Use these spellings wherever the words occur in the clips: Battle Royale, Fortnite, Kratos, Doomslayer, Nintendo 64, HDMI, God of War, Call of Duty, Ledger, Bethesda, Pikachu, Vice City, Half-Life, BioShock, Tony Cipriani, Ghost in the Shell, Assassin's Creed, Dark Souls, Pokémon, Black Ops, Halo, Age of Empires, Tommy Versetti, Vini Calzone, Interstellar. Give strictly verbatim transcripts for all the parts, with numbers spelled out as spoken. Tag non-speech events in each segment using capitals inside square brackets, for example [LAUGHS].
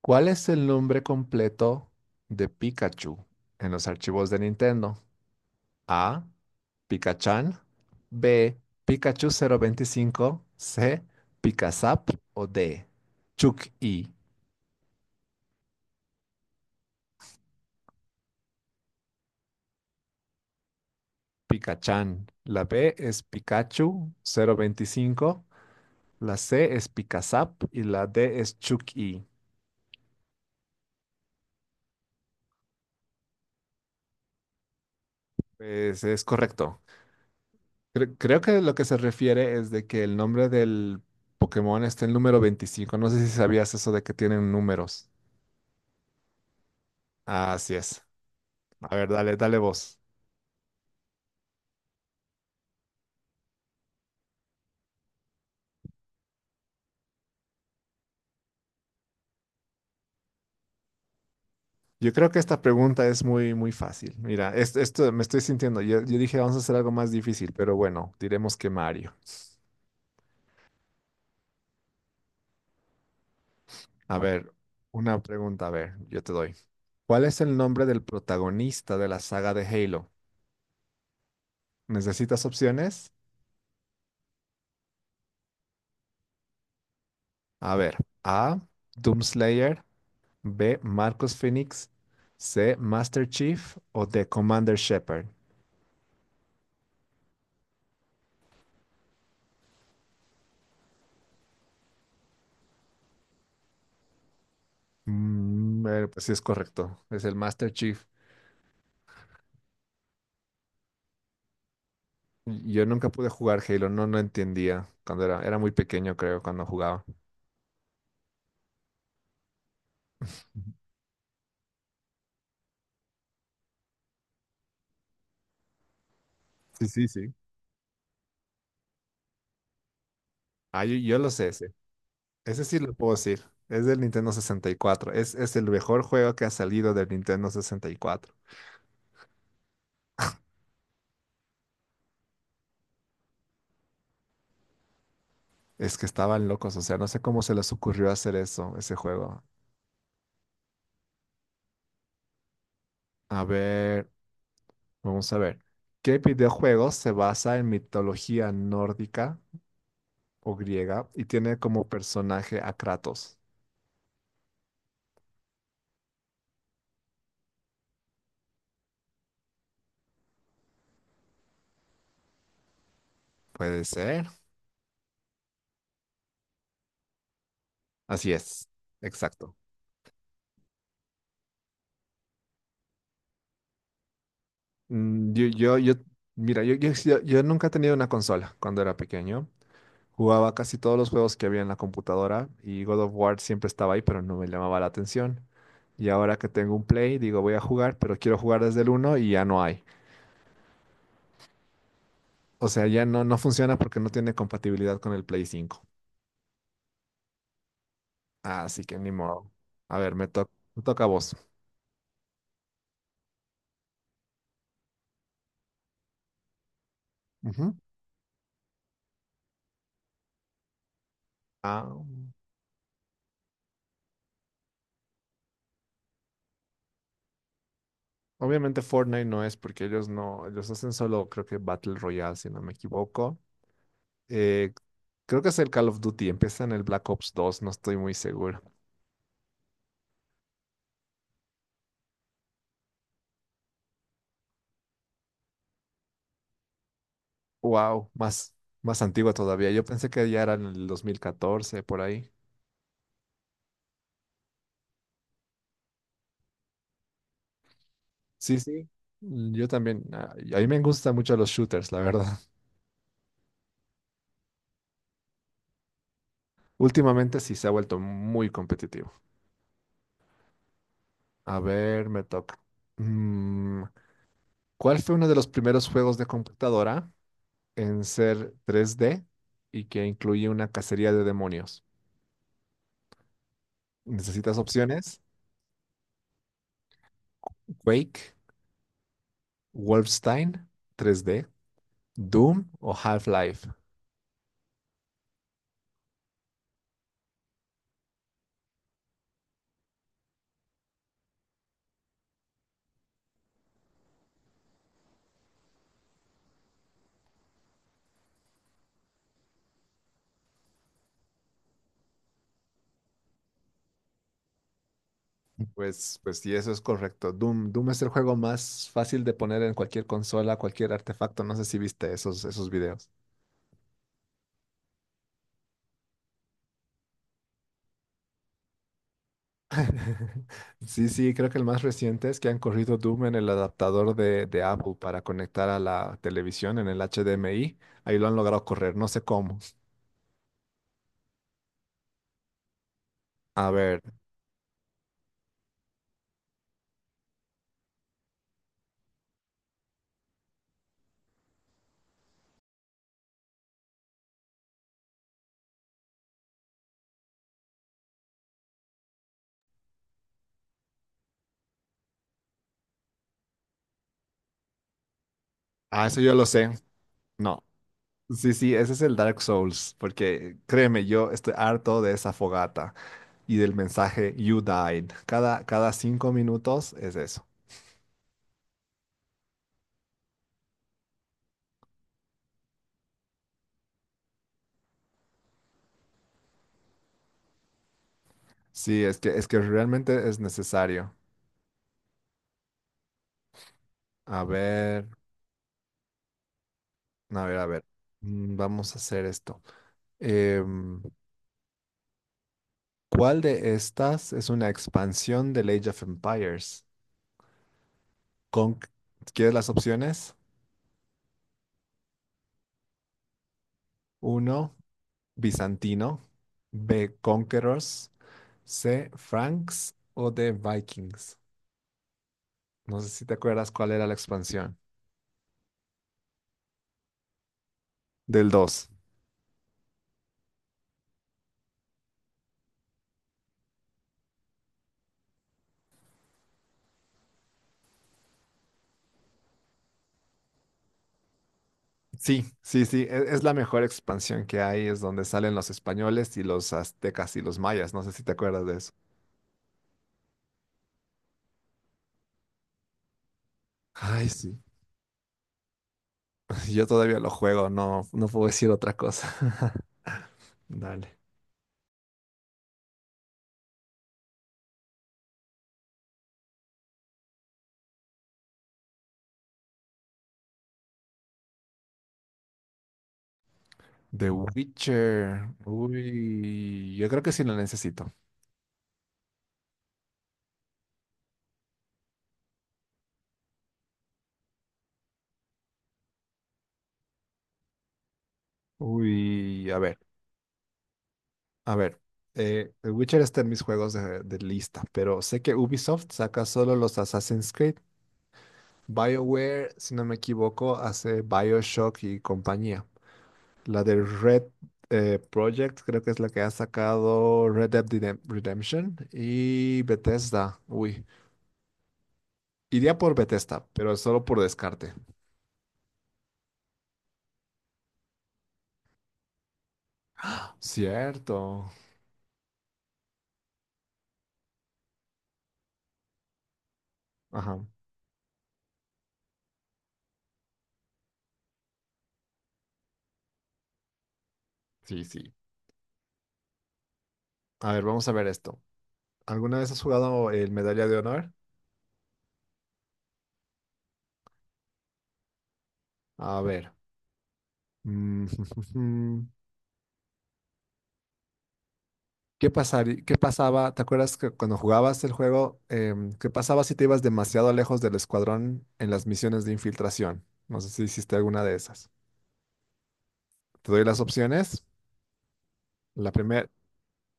¿Cuál es el nombre completo de Pikachu en los archivos de Nintendo? A. Pikachan. B. Pikachu cero veinticinco. C. Pikazap. O D. Chuck-E. Pikachan. La B es Pikachu cero veinticinco. La C es Pikazap. Y la D es Chuck-E. Pues es correcto. Cre- creo que lo que se refiere es de que el nombre del Pokémon está en el número veinticinco. No sé si sabías eso de que tienen números. Así es. A ver, dale, dale vos. Yo creo que esta pregunta es muy, muy fácil. Mira, es- esto me estoy sintiendo. Yo, yo dije, vamos a hacer algo más difícil, pero bueno, diremos que Mario. A ver, una pregunta, a ver, yo te doy. ¿Cuál es el nombre del protagonista de la saga de Halo? ¿Necesitas opciones? A ver, A, Doomslayer, B, Marcus Phoenix, C, Master Chief o D, Commander Shepard. Mm, eh, pues sí es correcto, es el Master Chief. Yo nunca pude jugar Halo, no, no entendía cuando era, era muy pequeño, creo, cuando jugaba. Sí, sí, sí. Ah, yo, yo lo sé ese. Ese sí lo puedo decir. Es del Nintendo sesenta y cuatro. Es, es el mejor juego que ha salido del Nintendo sesenta y cuatro. Es que estaban locos, o sea, no sé cómo se les ocurrió hacer eso, ese juego. A ver, vamos a ver. ¿Qué videojuego se basa en mitología nórdica o griega y tiene como personaje a Kratos? Puede ser. Así es, exacto. Mm, Yo, yo, yo, mira, yo, yo, yo- yo nunca he tenido una consola cuando era pequeño. Jugaba casi todos los juegos que había en la computadora y God of War siempre estaba ahí, pero no me llamaba la atención. Y ahora que tengo un Play, digo, voy a jugar, pero quiero jugar desde el uno y ya no hay. O sea, ya no, no funciona porque no tiene compatibilidad con el Play cinco. Así que ni modo. A ver, me to- me toca a vos. Ujú. Ah, obviamente Fortnite no es porque ellos no, ellos hacen solo, creo que Battle Royale, si no me equivoco. Eh, creo que es el Call of Duty, empieza en el Black Ops dos, no estoy muy seguro. Wow, más, más antigua todavía. Yo pensé que ya era en el dos mil catorce por ahí. Sí, sí. mm, Yo también, a a mí me gustan mucho los shooters, la verdad. [LAUGHS] Últimamente sí se ha vuelto muy competitivo. A ver, me toca. Mm, ¿Cuál fue uno de los primeros juegos de computadora en ser tres d y que incluye una cacería de demonios? ¿Necesitas opciones? Quake, Wolfenstein tres D, Doom o Half-Life. Pues, pues sí, eso es correcto. Doom, Doom es el juego más fácil de poner en cualquier consola, cualquier artefacto. No sé si viste esos, esos videos. [LAUGHS] Sí, sí, creo que el más reciente es que han corrido Doom en el adaptador de, de Apple para conectar a la televisión en el H D M I. Ahí lo han logrado correr, no sé cómo. A ver, ah, eso yo lo sé. No. Sí, sí, ese es el Dark Souls, porque créeme, yo estoy harto de esa fogata y del mensaje You died. Cada, cada cinco minutos es eso. Sí, es que, es que realmente es necesario. A ver, a ver, a ver. Mm, Vamos a hacer esto. Em, ¿Cuál de estas es una expansión del Age of Empires? Con, ¿quieres las opciones? Uno, bizantino. B, conquerors. C, franks o D, vikings. No sé si te acuerdas cuál era la expansión. Del dos. Sí, sí, sí, e- es la mejor expansión que hay, es donde salen los españoles y los aztecas y los mayas, no sé si te acuerdas de eso. Ay, sí, [LAUGHS] yo todavía lo juego, no, no puedo decir otra cosa. [LAUGHS] Dale. The Witcher. Uy, yo creo que sí lo necesito. Uy, a ver, a ver. Eh, The Witcher está en mis juegos de, de lista, pero sé que Ubisoft saca solo los Assassin's Creed. BioWare, si no me equivoco, hace BioShock y compañía. La de Red, eh, Project, creo que es la que ha sacado Red Dead Redem- Redemption y Bethesda. Uy, iría por Bethesda, pero solo por descarte. Cierto. Ajá, sí, sí. A ver, vamos a ver esto. ¿Alguna vez has jugado el Medalla de Honor? A ver. mm, [LAUGHS] ¿Qué pasaría, qué pasaba? ¿Te acuerdas que cuando jugabas el juego, em, qué pasaba si te ibas demasiado lejos del escuadrón en las misiones de infiltración? No sé si hiciste alguna de esas. Te doy las opciones. La primera,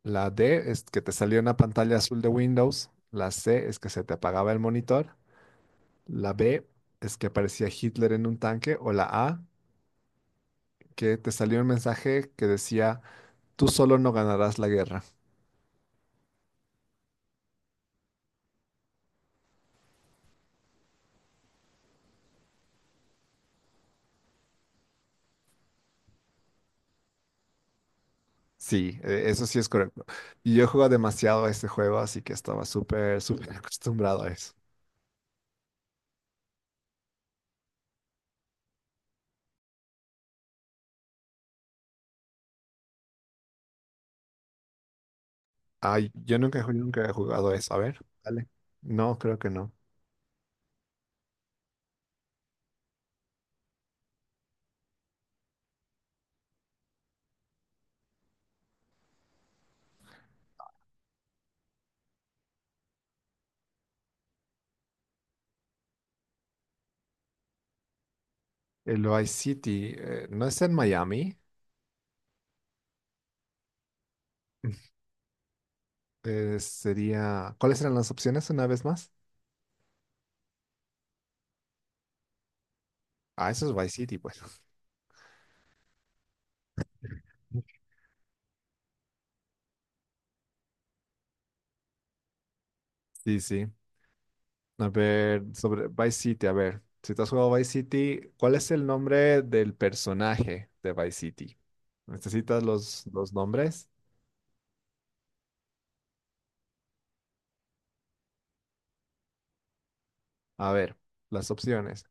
la D es que te salía una pantalla azul de Windows. La C es que se te apagaba el monitor. La B es que aparecía Hitler en un tanque. O la A, que te salió un mensaje que decía, tú solo no ganarás la guerra. Sí, eh, eso sí es correcto. Y yo juego demasiado a este juego, así que estaba súper, súper [LAUGHS] acostumbrado a eso. Ay, yo nunca, ju- nunca he jugado eso. A ver, dale. No, creo que no. El Vice City, eh, ¿no es en Miami? Eh, sería. ¿Cuáles eran las opciones una vez más? Ah, eso es Vice City, pues. Sí, sí. A ver, sobre Vice City, a ver. Si tú has jugado Vice City, ¿cuál es el nombre del personaje de Vice City? ¿Necesitas los, los nombres? A ver, las opciones.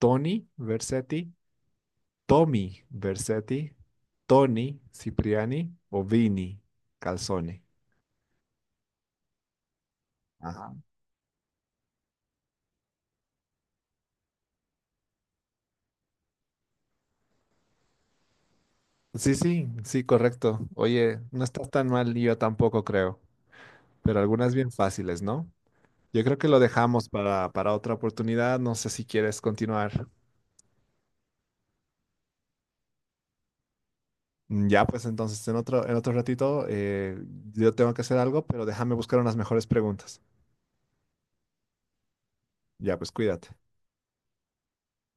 Tony Versetti, Tommy Versetti, Tony Cipriani o Vini Calzone. Ajá. Sí, sí, sí, correcto. Oye, no estás tan mal y yo tampoco creo. Pero algunas bien fáciles, ¿no? Yo creo que lo dejamos para, para otra oportunidad. No sé si quieres continuar. Mm, Ya, pues entonces en otro, en otro ratito, eh, yo tengo que hacer algo, pero déjame buscar unas mejores preguntas. Ya, pues cuídate.